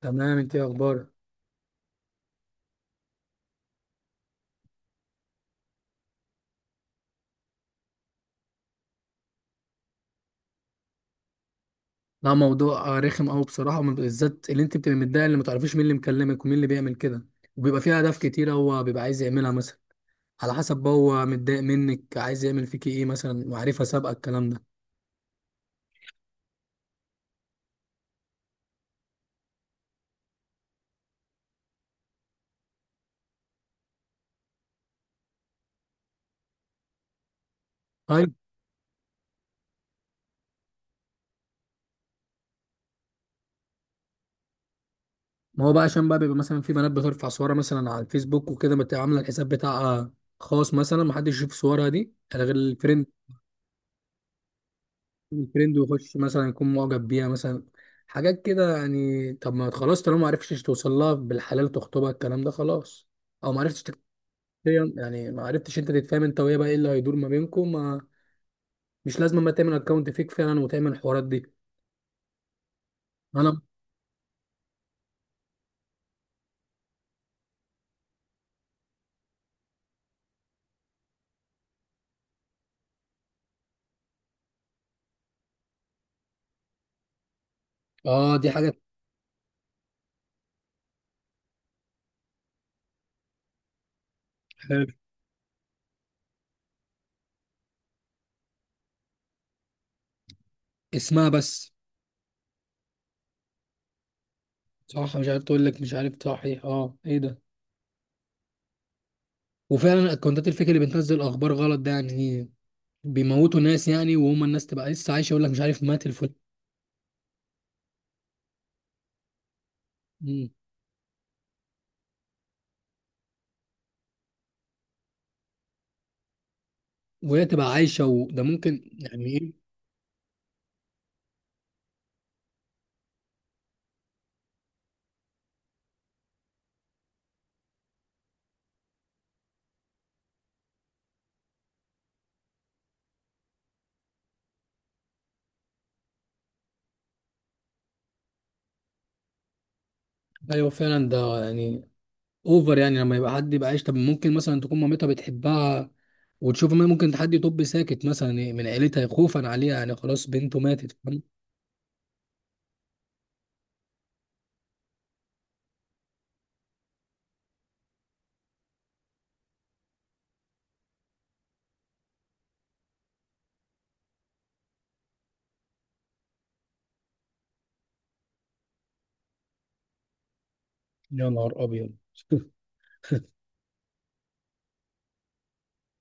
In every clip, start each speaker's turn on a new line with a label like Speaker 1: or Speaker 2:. Speaker 1: تمام، انت ايه اخبارك؟ لا، موضوع رخم قوي بصراحه، بالذات اللي انت بتبقى متضايق اللي ما تعرفيش مين اللي مكلمك ومين اللي بيعمل كده. وبيبقى فيه اهداف كتيره هو بيبقى عايز يعملها مثلا. على حسب بقى هو متضايق منك، عايز يعمل فيكي ايه مثلا، وعارفها سابقه الكلام ده. طيب، ما هو بقى عشان بيبقى مثلا في بنات بترفع صورها مثلا على الفيسبوك وكده، بتبقى عامله الحساب بتاعها خاص مثلا، ما حدش يشوف صورها دي غير الفريند الترند، ويخش مثلا يكون معجب بيها مثلا، حاجات كده يعني. طب ما خلاص، طالما ما عرفتش توصل لها بالحلال تخطبها، الكلام ده خلاص. او ما عرفتش تت- يعني ما عرفتش انت تتفاهم انت وهي، بقى ايه اللي هيدور ما بينكم؟ ما مش لازم ما تعمل اكونت فيك فعلا وتعمل الحوارات دي. انا اه، دي حاجه. حلو. اسمها بس. صح، مش عارف. تقول لك مش عارف، صحيح اه، ايه ده. وفعلا الاكونتات الفيك اللي بتنزل اخبار غلط، ده يعني بيموتوا ناس يعني، وهم الناس تبقى لسه عايشه، يقول لك مش عارف مات الفلان، وهي تبقى عايشة. وده ممكن يعني ايه؟ ايوه فعلا، ده يعني اوفر يعني، لما يبقى حد يبقى عايش. طب ممكن مثلا تكون مامتها بتحبها وتشوف، ما ممكن حد يطب ساكت مثلا إيه من عيلتها خوفا عليها يعني، خلاص بنته ماتت، فاهم؟ يا نهار ابيض.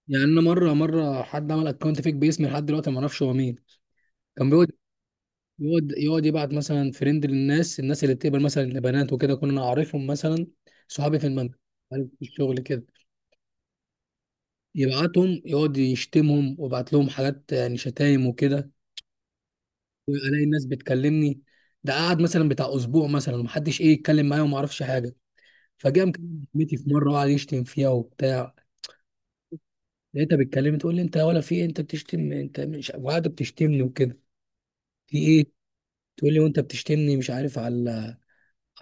Speaker 1: يعني انا مرة حد عمل اكونت فيك باسمي لحد دلوقتي ما اعرفش هو مين. كان بيقعد، يقعد يبعت مثلا فريند للناس، الناس اللي بتقبل مثلا البنات وكده، كنا نعرفهم مثلا صحابي في المنزل، في الشغل كده. يبعتهم يقعد يشتمهم ويبعت لهم حاجات يعني شتايم وكده، والاقي الناس بتكلمني. ده قعد مثلا بتاع اسبوع مثلا، ومحدش ايه يتكلم معايا وما اعرفش حاجه. فجاء مكلم صاحبتي في مره وقعد يشتم فيها وبتاع، لقيتها بتكلمني تقول لي: انت ولا في إيه؟ انت بتشتم، انت مش وقاعده بتشتمني وكده، في ايه؟ تقول لي: وانت بتشتمني. مش عارف، على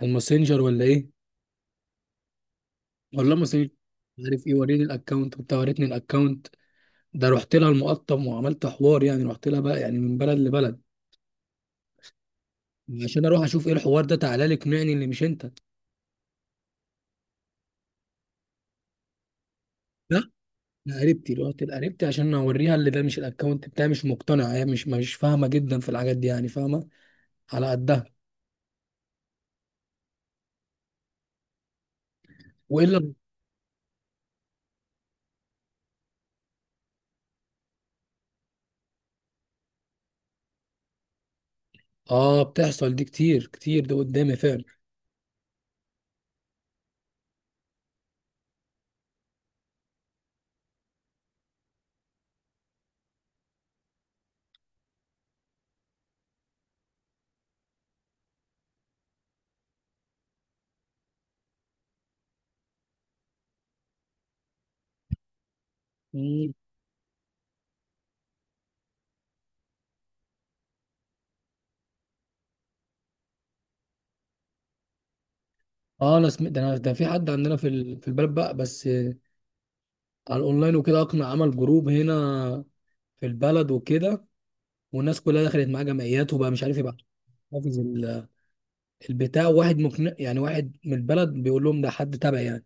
Speaker 1: على الماسنجر ولا ايه؟ والله ماسنجر، مش عارف ايه، وريني الاكونت وبتاع. وريتني الاكونت، ده رحت لها المقطم وعملت حوار يعني، رحت لها بقى يعني من بلد لبلد، عشان اروح اشوف ايه الحوار ده. تعالى لي اقنعني اللي مش انت. لا، انا قريبتي، رحت لقريبتي عشان اوريها اللي ده مش الاكونت بتاعي، مش مقتنعه، هي مش فاهمه جدا في الحاجات دي يعني، فاهمه على قدها. والا اه، بتحصل دي كتير كتير، ده قدامي فعلا. مم. اه، انا سمعت ده، انا ده في حد عندنا في في البلد بقى، بس آه، على الاونلاين وكده، اقنع عمل جروب هنا في البلد وكده، والناس كلها دخلت معاه جمعيات، وبقى مش عارف يبقى حافظ البتاع. واحد مقنع يعني، واحد من البلد بيقول لهم ده حد تبعي يعني،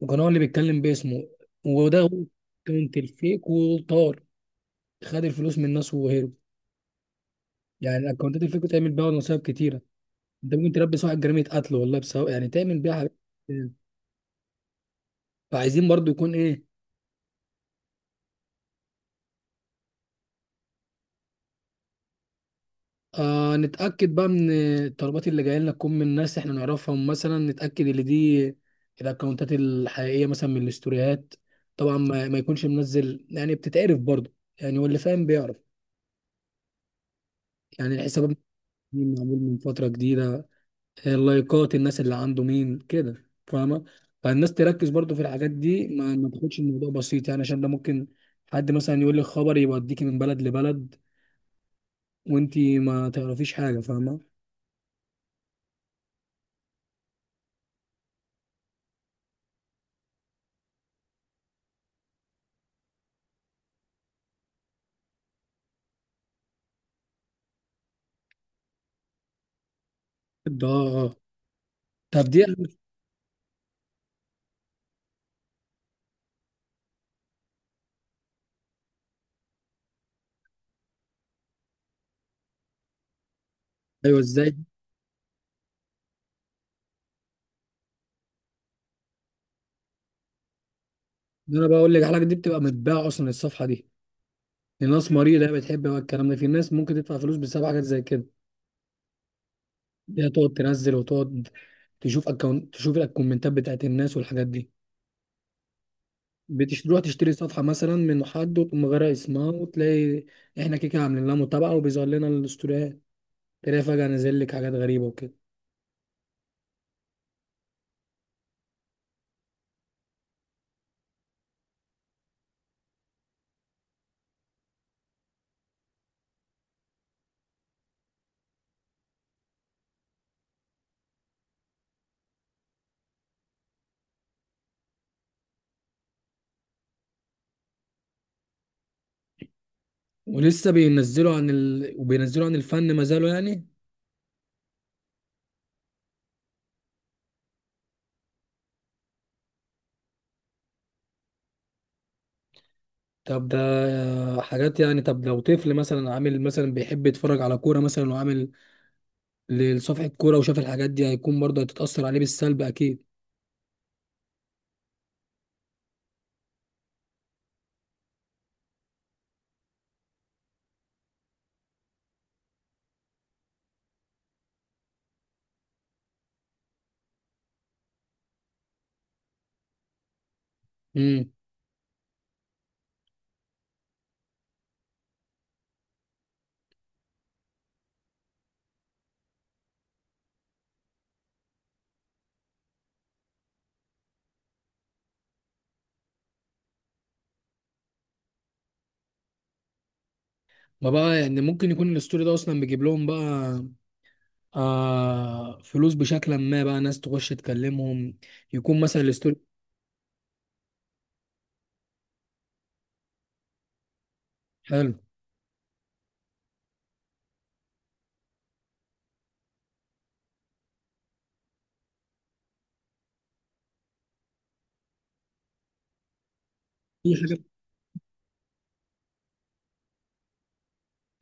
Speaker 1: وكان هو اللي بيتكلم باسمه. وده هو الاكونت الفيك، وطار، خد الفلوس من الناس وهرب. يعني الاكونتات الفيك بتعمل بيها نصايب كتيره، انت ممكن تلبس واحد جريمه قتل والله، بسبب يعني تعمل بيها حاجات كتير. فعايزين برضو يكون ايه، آه، نتاكد بقى من الطلبات اللي جايه لنا تكون من ناس احنا نعرفهم مثلا، نتاكد ان دي الاكونتات الحقيقيه مثلا، من الاستوريات طبعا، ما يكونش منزل يعني، بتتعرف برضو يعني، واللي فاهم بيعرف يعني الحساب معمول من فتره جديده، اللايكات الناس اللي عنده مين كده، فاهمه؟ فالناس تركز برضو في الحاجات دي، ما تاخدش الموضوع بسيط يعني، عشان ده ممكن حد مثلا يقول لك خبر يوديكي من بلد لبلد وانتي ما تعرفيش حاجه، فاهمه؟ ده اه، طب دي ايوه ازاي. ده انا بقول لك الحاجه دي بتبقى متباعه اصلا، الصفحه دي لناس مريضه بتحب بقى الكلام ده، في ناس ممكن تدفع فلوس بسبب حاجات زي كده. دي هتقعد تنزل وتقعد تشوف الكومنتات بتاعت الناس والحاجات دي، بتروح تشتري صفحة مثلا من حد وتقوم غارق اسمها، وتلاقي احنا كده كده عاملين لها متابعة، وبيظهر لنا الاستوريات، تلاقي فجأة نازل لك حاجات غريبة وكده، ولسه بينزلوا عن ال... وبينزلوا عن الفن ما زالوا يعني. طب ده حاجات يعني، طب لو طفل مثلا عامل مثلا بيحب يتفرج على كورة مثلا، وعامل لصفحة كورة وشاف الحاجات دي، هيكون برضه هتتأثر عليه بالسلب أكيد. امم ما بقى يعني ممكن يكون الاستوري ده أصلا بيجيب لهم بقى آه فلوس بشكل ما، بقى ناس تخش تكلمهم، يكون مثلا الستوري حلو. اي حاجه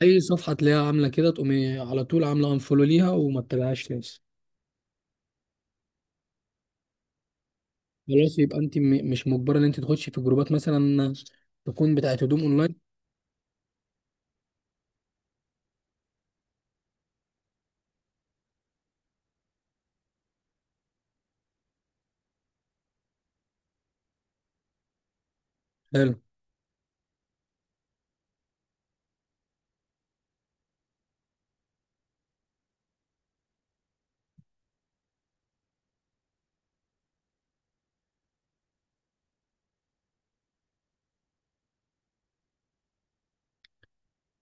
Speaker 1: اي صفحه تلاقيها عامله كده، تقومي على طول عامله انفولو ليها وما تتابعهاش تاني. خلاص، يبقى انت مش مجبره ان انت تخشي في جروبات مثلا تكون بتاعت هدوم اونلاين. حلو،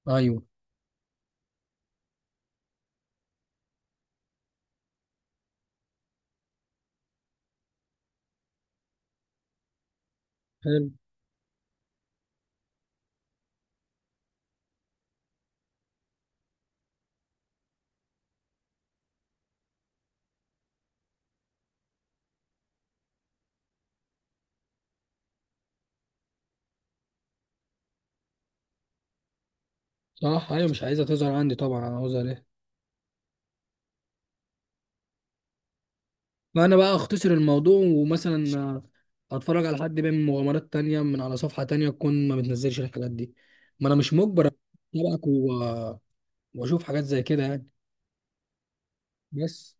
Speaker 1: ايوه حلو، صح، ايوه، مش عايزها تظهر عندي طبعا، انا عاوزها ليه؟ فانا بقى اختصر الموضوع ومثلا آه، اتفرج على حد بيعمل مغامرات تانية من على صفحه تانية تكون ما بتنزلش الحاجات دي، ما انا مش مجبر اتابعك واشوف حاجات زي كده يعني، بس.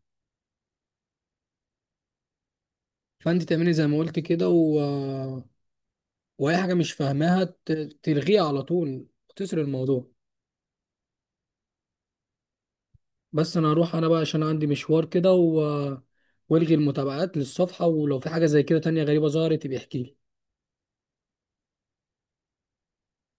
Speaker 1: فانت تعملي زي ما قلت كده و... واي حاجه مش فاهماها تلغيها على طول وتسر الموضوع. بس انا هروح انا بقى عشان عندي مشوار كده، و... والغي المتابعات للصفحه، ولو في حاجه زي كده تانية غريبه ظهرت يبقى احكيلي.